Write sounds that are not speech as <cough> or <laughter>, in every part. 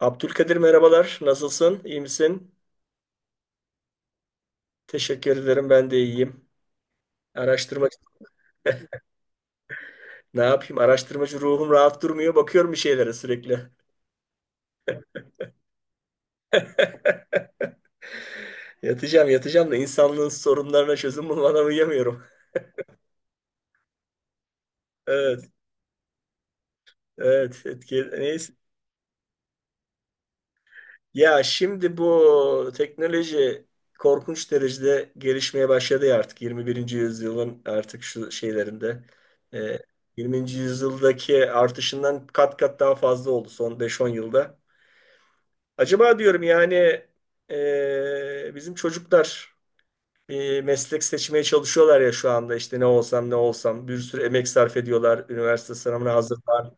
Abdülkadir merhabalar. Nasılsın? İyi misin? Teşekkür ederim. Ben de iyiyim. Araştırma ne yapayım? Araştırmacı ruhum rahat durmuyor. Bakıyorum bir şeylere sürekli. <laughs> Yatacağım, yatacağım da insanlığın sorunlarına çözüm bulmadan uyuyamıyorum. <laughs> Evet, evet. Neyse. Ya şimdi bu teknoloji korkunç derecede gelişmeye başladı ya artık 21. yüzyılın artık şu şeylerinde. Ee, 20. yüzyıldaki artışından kat kat daha fazla oldu son beş on yılda. Acaba diyorum yani, bizim çocuklar bir meslek seçmeye çalışıyorlar ya şu anda, işte ne olsam ne olsam, bir sürü emek sarf ediyorlar üniversite sınavına hazırlan.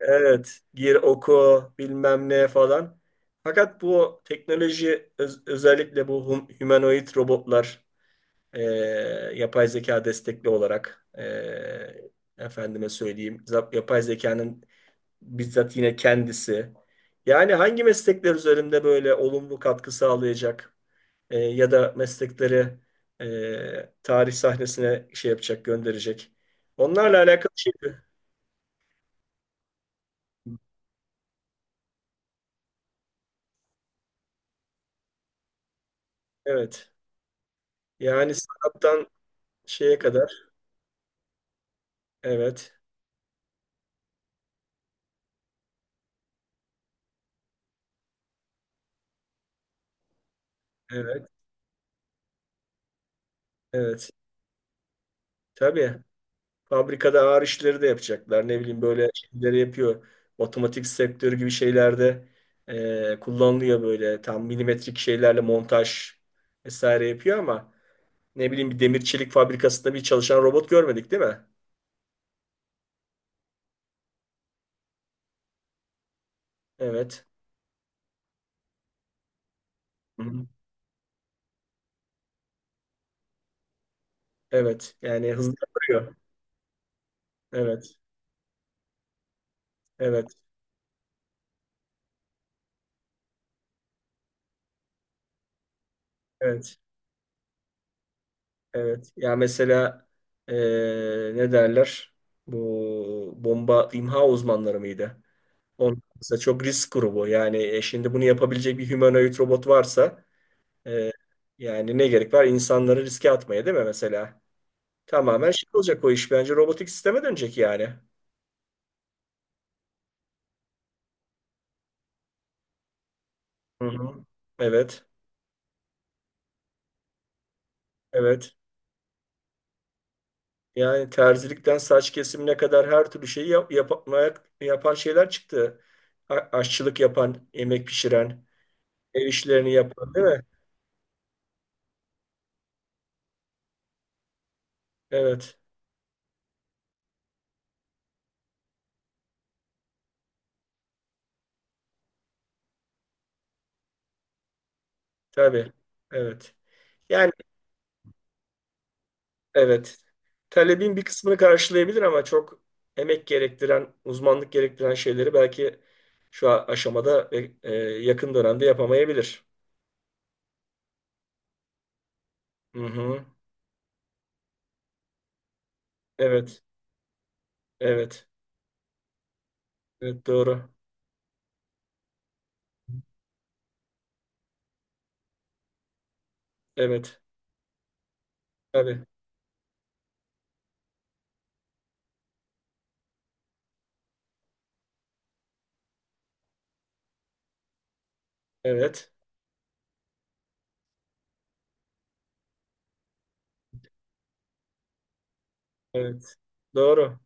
Evet, gir oku bilmem ne falan. Fakat bu teknoloji, özellikle bu humanoid robotlar, e, yapay zeka destekli olarak, efendime söyleyeyim, yapay zekanın bizzat yine kendisi. Yani hangi meslekler üzerinde böyle olumlu katkı sağlayacak, ya da meslekleri tarih sahnesine şey yapacak, gönderecek. Onlarla alakalı şey. Evet. Yani sanattan şeye kadar. Evet. Evet. Evet. Tabii. Fabrikada ağır işleri de yapacaklar. Ne bileyim, böyle şeyleri yapıyor. Otomatik sektörü gibi şeylerde kullanılıyor, böyle tam milimetrik şeylerle montaj vesaire yapıyor. Ama ne bileyim, bir demir çelik fabrikasında bir çalışan robot görmedik değil mi? Evet. Hı hı. Evet. Yani hızlı yapıyor. Evet. Evet. Evet. Evet. Ya mesela ne derler? Bu bomba imha uzmanları mıydı? Onlar mesela çok risk grubu. Yani şimdi bunu yapabilecek bir humanoid robot varsa, eee, yani ne gerek var insanları riske atmaya, değil mi mesela? Tamamen şey olacak o iş. Bence robotik sisteme dönecek yani. Hı hı. Evet. Evet. Yani terzilikten saç kesimine kadar her türlü şeyi yapan şeyler çıktı. Aşçılık yapan, yemek pişiren, ev işlerini yapan, değil mi? Evet, tabii. Evet. Yani evet. Talebin bir kısmını karşılayabilir, ama çok emek gerektiren, uzmanlık gerektiren şeyleri belki şu aşamada ve yakın dönemde yapamayabilir. Hı hı. Evet. Evet. Evet, doğru. Evet. Tabii. Evet. Evet. Doğru.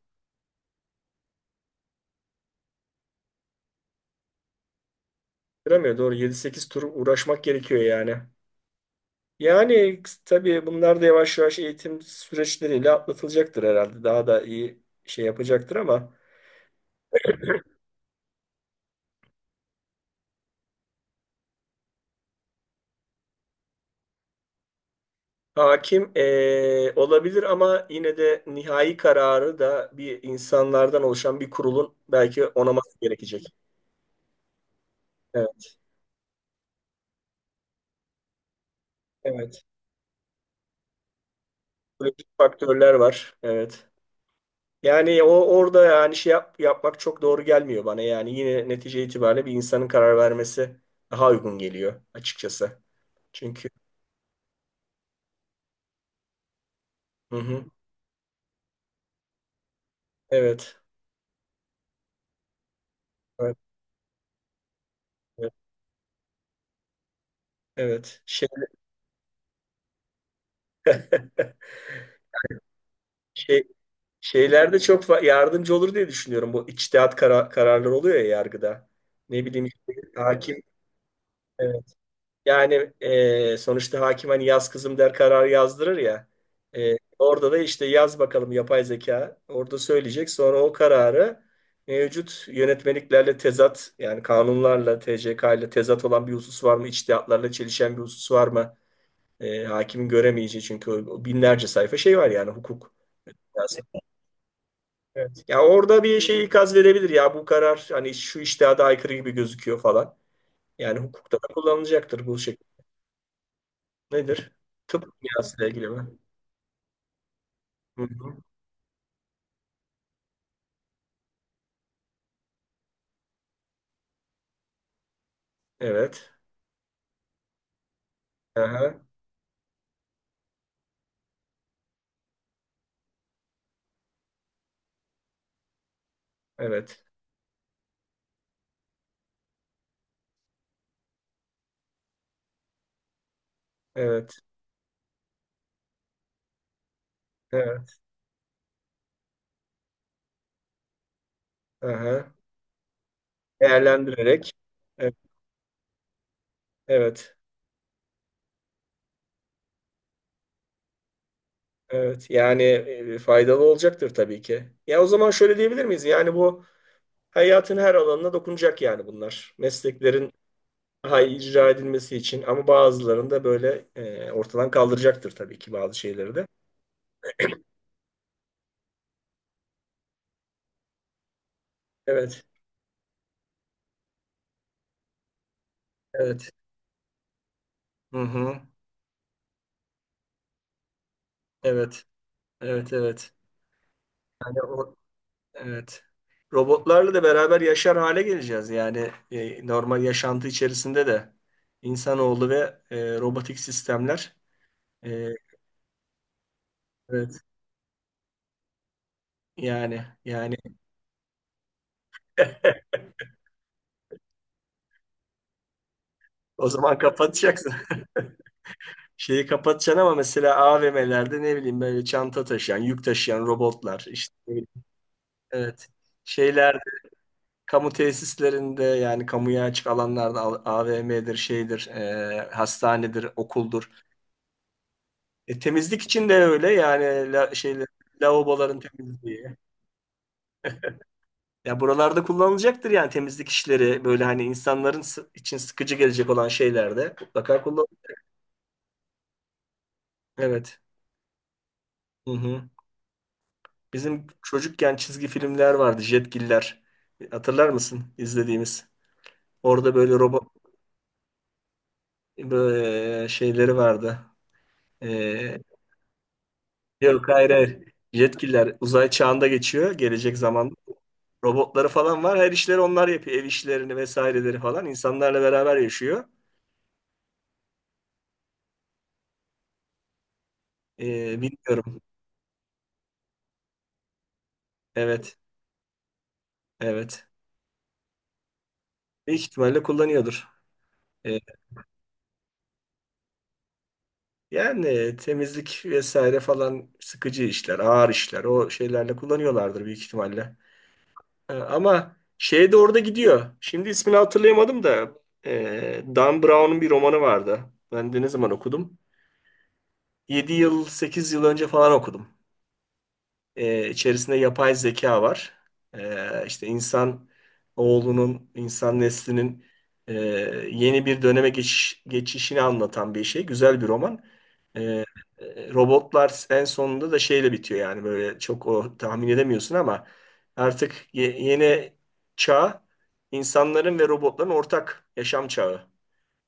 Duramıyor, doğru. Yedi sekiz tur uğraşmak gerekiyor yani. Yani tabii bunlar da yavaş yavaş eğitim süreçleriyle atlatılacaktır herhalde. Daha da iyi şey yapacaktır ama. Hakim, olabilir ama yine de nihai kararı da bir insanlardan oluşan bir kurulun belki onaması gerekecek. Evet, evet. Psikolojik faktörler var. Evet. Yani orada yani şey yapmak çok doğru gelmiyor bana. Yani yine netice itibariyle bir insanın karar vermesi daha uygun geliyor açıkçası. Çünkü. Hı hı, evet. Evet. Evet. Evet. Şey, <laughs> şey şeylerde çok yardımcı olur diye düşünüyorum. Bu içtihat kararları oluyor ya yargıda. Ne bileyim, işte hakim. Evet. Yani sonuçta hakim hani "yaz kızım" der, kararı yazdırır ya. Orada da işte yaz bakalım, yapay zeka orada söyleyecek. Sonra o kararı mevcut yönetmeliklerle tezat, yani kanunlarla, TCK ile tezat olan bir husus var mı? İçtihatlarla çelişen bir husus var mı? Hakimin göremeyeceği, çünkü binlerce sayfa şey var yani, hukuk. Evet. Ya orada bir şey ikaz verebilir ya, bu karar hani şu içtihada aykırı gibi gözüküyor falan. Yani hukukta da kullanılacaktır bu şekilde. Nedir? Tıp dünyasıyla ilgili mi? Hı hı. Evet. Aha. Evet. Evet. Evet. Aha. Değerlendirerek. Evet. Evet. Evet. Yani faydalı olacaktır tabii ki. Ya o zaman şöyle diyebilir miyiz? Yani bu hayatın her alanına dokunacak yani bunlar. Mesleklerin daha iyi icra edilmesi için, ama bazılarını da böyle ortadan kaldıracaktır tabii ki, bazı şeyleri de. Evet. Evet. Hı hı. Evet. Evet. Evet. Yani evet. Robotlarla da beraber yaşar hale geleceğiz. Yani normal yaşantı içerisinde de insanoğlu ve robotik sistemler. E, evet. Yani <laughs> o zaman kapatacaksın. <laughs> Şeyi kapatacaksın, ama mesela AVM'lerde ne bileyim, böyle çanta taşıyan, yük taşıyan robotlar, işte ne bileyim, evet. Şeylerde, kamu tesislerinde, yani kamuya açık alanlarda, AVM'dir, şeydir, hastanedir, okuldur. Temizlik için de öyle yani, şey, lavaboların temizliği. Ya buralarda kullanılacaktır yani, temizlik işleri böyle, hani insanların için sıkıcı gelecek olan şeylerde mutlaka kullan. Evet. Hı hı. Bizim çocukken çizgi filmler vardı, Jetgiller. Hatırlar mısın izlediğimiz? Orada böyle robot böyle şeyleri vardı. E, yok, hayır hayır. Jetgiller uzay çağında geçiyor, gelecek zaman. Robotları falan var. Her işleri onlar yapıyor. Ev işlerini vesaireleri falan. İnsanlarla beraber yaşıyor. Bilmiyorum. Evet. Evet. Büyük ihtimalle kullanıyordur. Ee, yani temizlik vesaire falan, sıkıcı işler, ağır işler. O şeylerle kullanıyorlardır büyük ihtimalle. Ama şey de orada gidiyor. Şimdi ismini hatırlayamadım da, Dan Brown'un bir romanı vardı. Ben de ne zaman okudum? 7 yıl, 8 yıl önce falan okudum. E, içerisinde yapay zeka var. E, işte insan oğlunun, insan neslinin e, yeni bir döneme geçişini anlatan bir şey. Güzel bir roman. E, robotlar en sonunda da şeyle bitiyor, yani böyle çok o tahmin edemiyorsun ama artık yeni çağ, insanların ve robotların ortak yaşam çağı.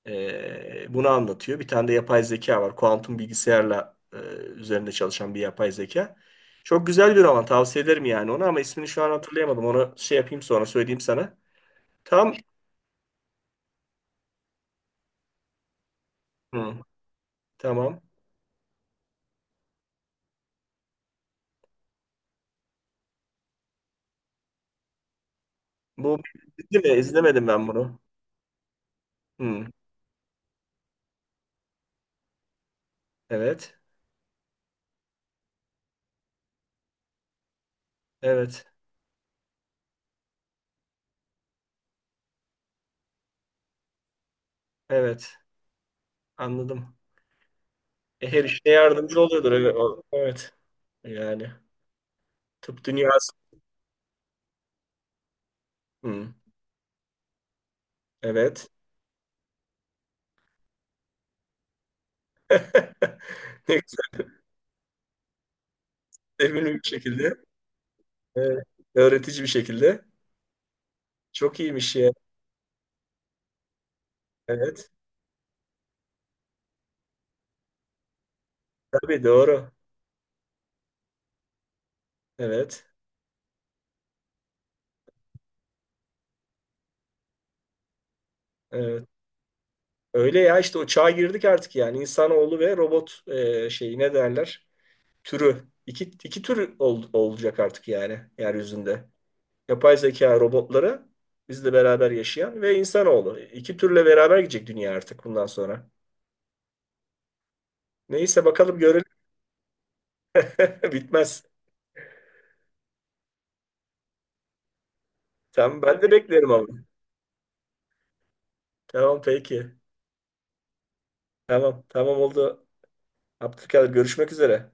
Bunu anlatıyor. Bir tane de yapay zeka var. Kuantum bilgisayarla üzerinde çalışan bir yapay zeka. Çok güzel bir roman. Tavsiye ederim yani onu, ama ismini şu an hatırlayamadım. Onu şey yapayım, sonra söyleyeyim sana. Tam Hı, tamam. Bu, değil mi? İzlemedim ben bunu. Hı, evet. Evet. Evet. Anladım. Her işte yardımcı oluyordur. Evet. Evet. Yani tıp dünyası. Hı, evet. <laughs> Ne güzel, emin bir şekilde. Evet. Öğretici bir şekilde. Çok iyiymiş ya. Evet. Tabii, doğru. Evet. Evet. Öyle ya, işte o çağa girdik artık yani. İnsanoğlu ve robot, şeyi ne derler? Türü. İki tür olacak artık yani yeryüzünde. Yapay zeka robotları bizle beraber yaşayan ve insanoğlu. İki türle beraber gidecek dünya artık bundan sonra. Neyse, bakalım görelim. <laughs> Bitmez. Tamam, ben de beklerim ama. Tamam, peki. Tamam, tamam, oldu. Abdülkadir, görüşmek üzere.